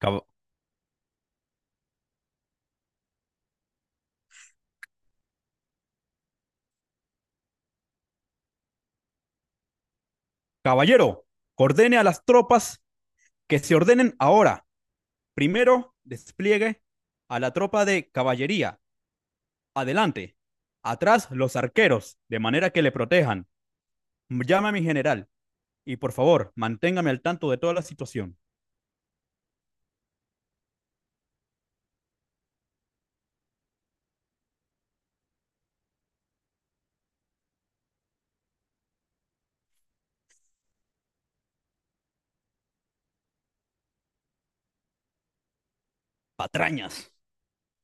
Cab- Caballero, ordene a las tropas que se ordenen ahora. Primero, despliegue a la tropa de caballería. Adelante. Atrás, los arqueros, de manera que le protejan. Llame a mi general y por favor, manténgame al tanto de toda la situación. Patrañas.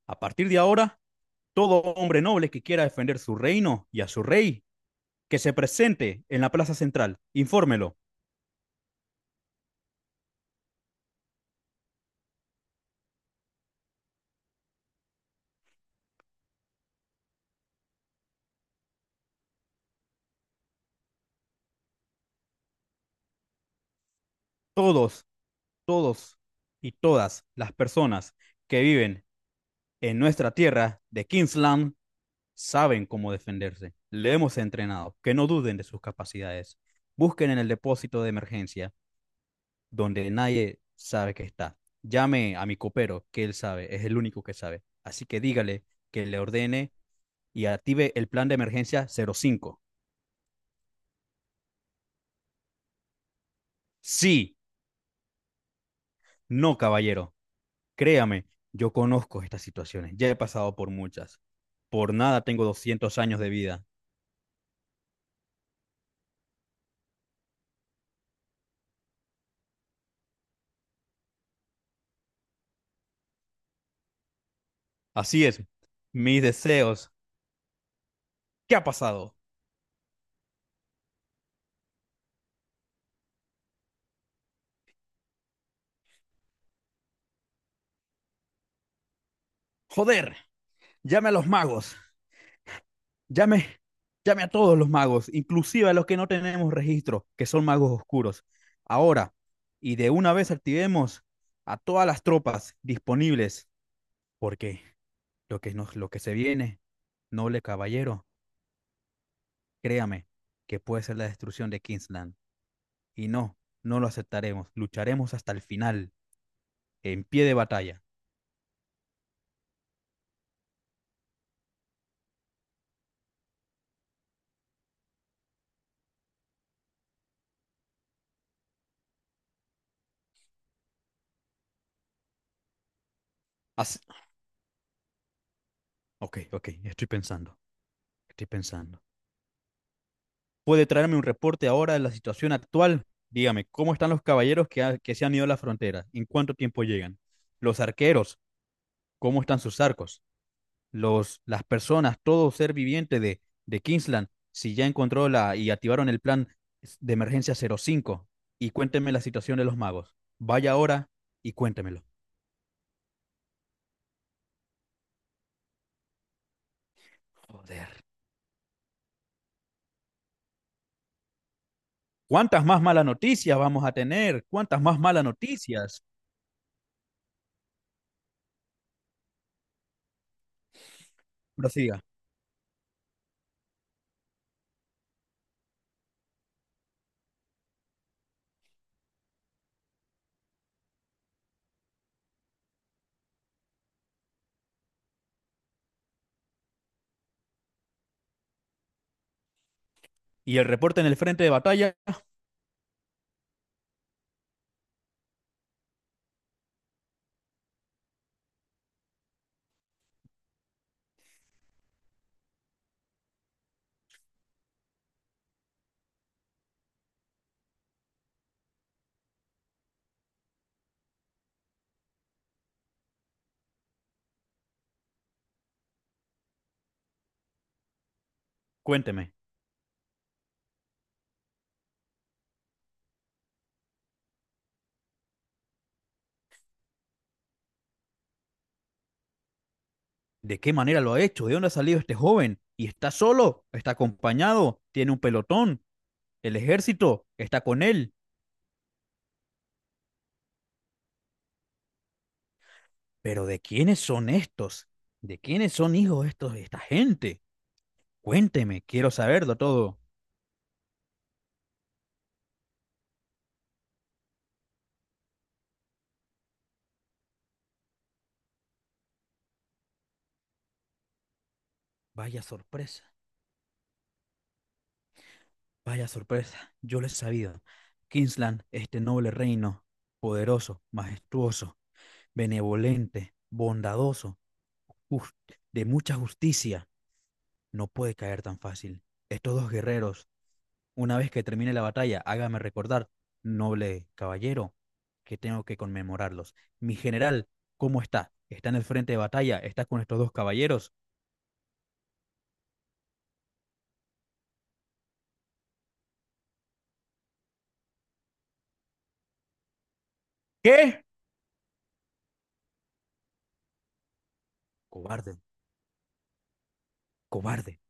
A partir de ahora, todo hombre noble que quiera defender su reino y a su rey, que se presente en la plaza central. Infórmelo. Todos, todos y todas las personas que viven en nuestra tierra de Kingsland saben cómo defenderse. Le hemos entrenado. Que no duden de sus capacidades. Busquen en el depósito de emergencia donde nadie sabe que está. Llame a mi copero, que él sabe, es el único que sabe. Así que dígale que le ordene y active el plan de emergencia 05. Sí, no, caballero. Créame, yo conozco estas situaciones. Ya he pasado por muchas. Por nada tengo 200 años de vida. Así es. Mis deseos. ¿Qué ha pasado? Joder, llame a los magos, llame, llame a todos los magos, inclusive a los que no tenemos registro, que son magos oscuros. Ahora, y de una vez activemos a todas las tropas disponibles, porque lo que se viene, noble caballero, créame, que puede ser la destrucción de Kingsland. Y no, no lo aceptaremos, lucharemos hasta el final, en pie de batalla. As- ok, estoy pensando, estoy pensando. Puede traerme un reporte ahora de la situación actual. Dígame, ¿cómo están los caballeros que se han ido a la frontera? ¿En cuánto tiempo llegan? Los arqueros, ¿cómo están sus arcos? Los, las personas, todo ser viviente de Kingsland, si ya encontró la y activaron el plan de emergencia cero cinco. Y cuéntenme la situación de los magos. Vaya ahora y cuéntemelo. Joder. ¿Cuántas más malas noticias vamos a tener? ¿Cuántas más malas noticias? Prosiga. ¿Y el reporte en el frente de batalla? Cuénteme. ¿De qué manera lo ha hecho? ¿De dónde ha salido este joven? ¿Y está solo? ¿Está acompañado? ¿Tiene un pelotón? ¿El ejército está con él? Pero ¿de quiénes son estos? ¿De quiénes son hijos estos, esta gente? Cuénteme, quiero saberlo todo. Vaya sorpresa, vaya sorpresa, yo lo he sabido. Kingsland, este noble reino, poderoso, majestuoso, benevolente, bondadoso, just- de mucha justicia, no puede caer tan fácil. Estos dos guerreros. Una vez que termine la batalla, hágame recordar, noble caballero, que tengo que conmemorarlos. Mi general, ¿cómo está? ¿Está en el frente de batalla? ¿Está con estos dos caballeros? ¿Qué? Cobarde, cobarde,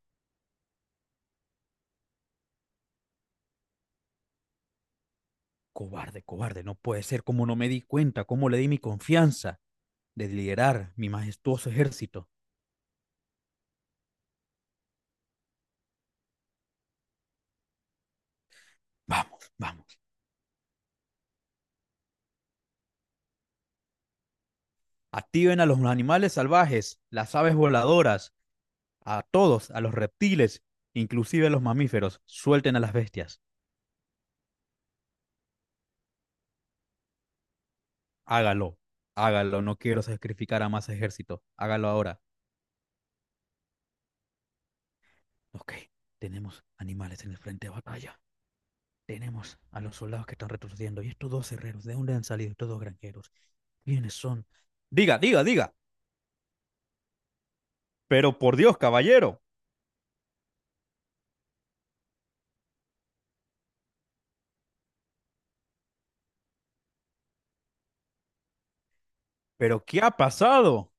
cobarde, cobarde. No puede ser. ¿Cómo no me di cuenta? ¿Cómo le di mi confianza de liderar mi majestuoso ejército? Vamos, vamos. Activen a los animales salvajes, las aves voladoras, a todos, a los reptiles, inclusive a los mamíferos. Suelten a las bestias. Hágalo, hágalo, no quiero sacrificar a más ejército, hágalo ahora. Ok, tenemos animales en el frente de batalla, tenemos a los soldados que están retrocediendo y estos dos herreros, ¿de dónde han salido estos dos granjeros? ¿Quiénes son? Diga, diga, diga. Pero por Dios, caballero, ¿pero qué ha pasado?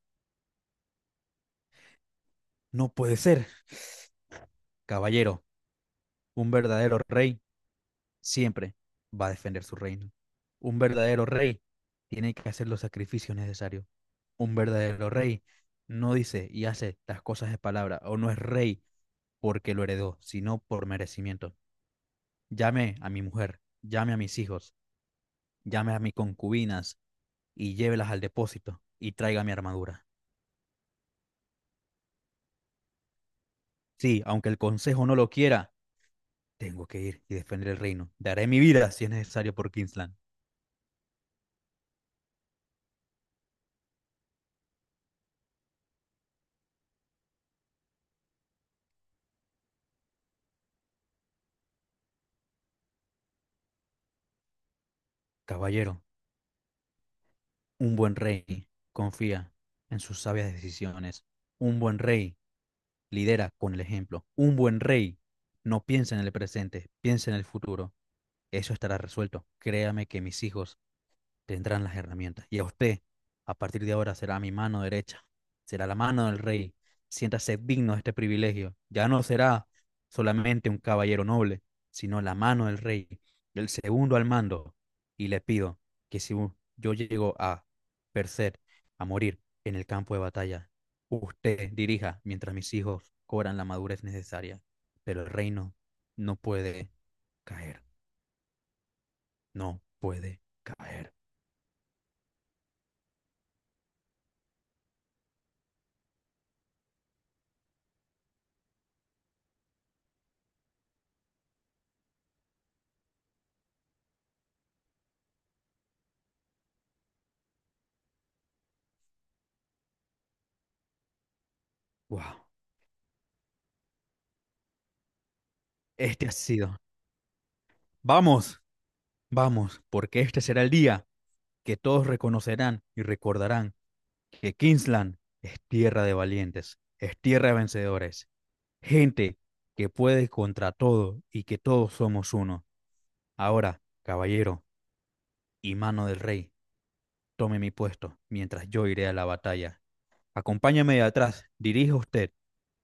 No puede ser, caballero. Un verdadero rey siempre va a defender su reino. Un verdadero rey tiene que hacer los sacrificios necesarios. Un verdadero rey no dice y hace las cosas de palabra o no es rey porque lo heredó, sino por merecimiento. Llame a mi mujer, llame a mis hijos, llame a mis concubinas y llévelas al depósito y traiga mi armadura. Sí, aunque el consejo no lo quiera, tengo que ir y defender el reino. Daré mi vida si es necesario por Kingsland. Caballero, un buen rey confía en sus sabias decisiones. Un buen rey lidera con el ejemplo. Un buen rey no piensa en el presente, piensa en el futuro. Eso estará resuelto. Créame que mis hijos tendrán las herramientas. Y a usted, a partir de ahora, será mi mano derecha, será la mano del rey. Siéntase digno de este privilegio. Ya no será solamente un caballero noble, sino la mano del rey, el segundo al mando. Y le pido que si yo llego a percer, a morir en el campo de batalla, usted dirija mientras mis hijos cobran la madurez necesaria. Pero el reino no puede caer, no puede caer. Wow. Este ha sido. Vamos, vamos, porque este será el día que todos reconocerán y recordarán que Kingsland es tierra de valientes, es tierra de vencedores, gente que puede contra todo y que todos somos uno. Ahora, caballero y mano del rey, tome mi puesto mientras yo iré a la batalla. Acompáñame de atrás, dirija usted,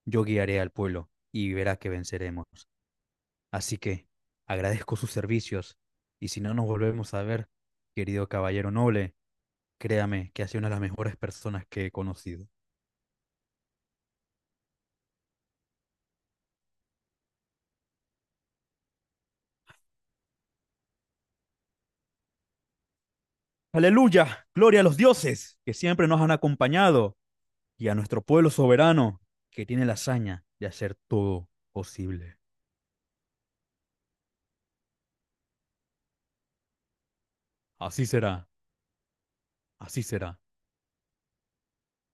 yo guiaré al pueblo y verá que venceremos. Así que agradezco sus servicios y si no nos volvemos a ver, querido caballero noble, créame que ha sido una de las mejores personas que he conocido. Aleluya, gloria a los dioses que siempre nos han acompañado y a nuestro pueblo soberano que tiene la hazaña de hacer todo posible. Así será, así será.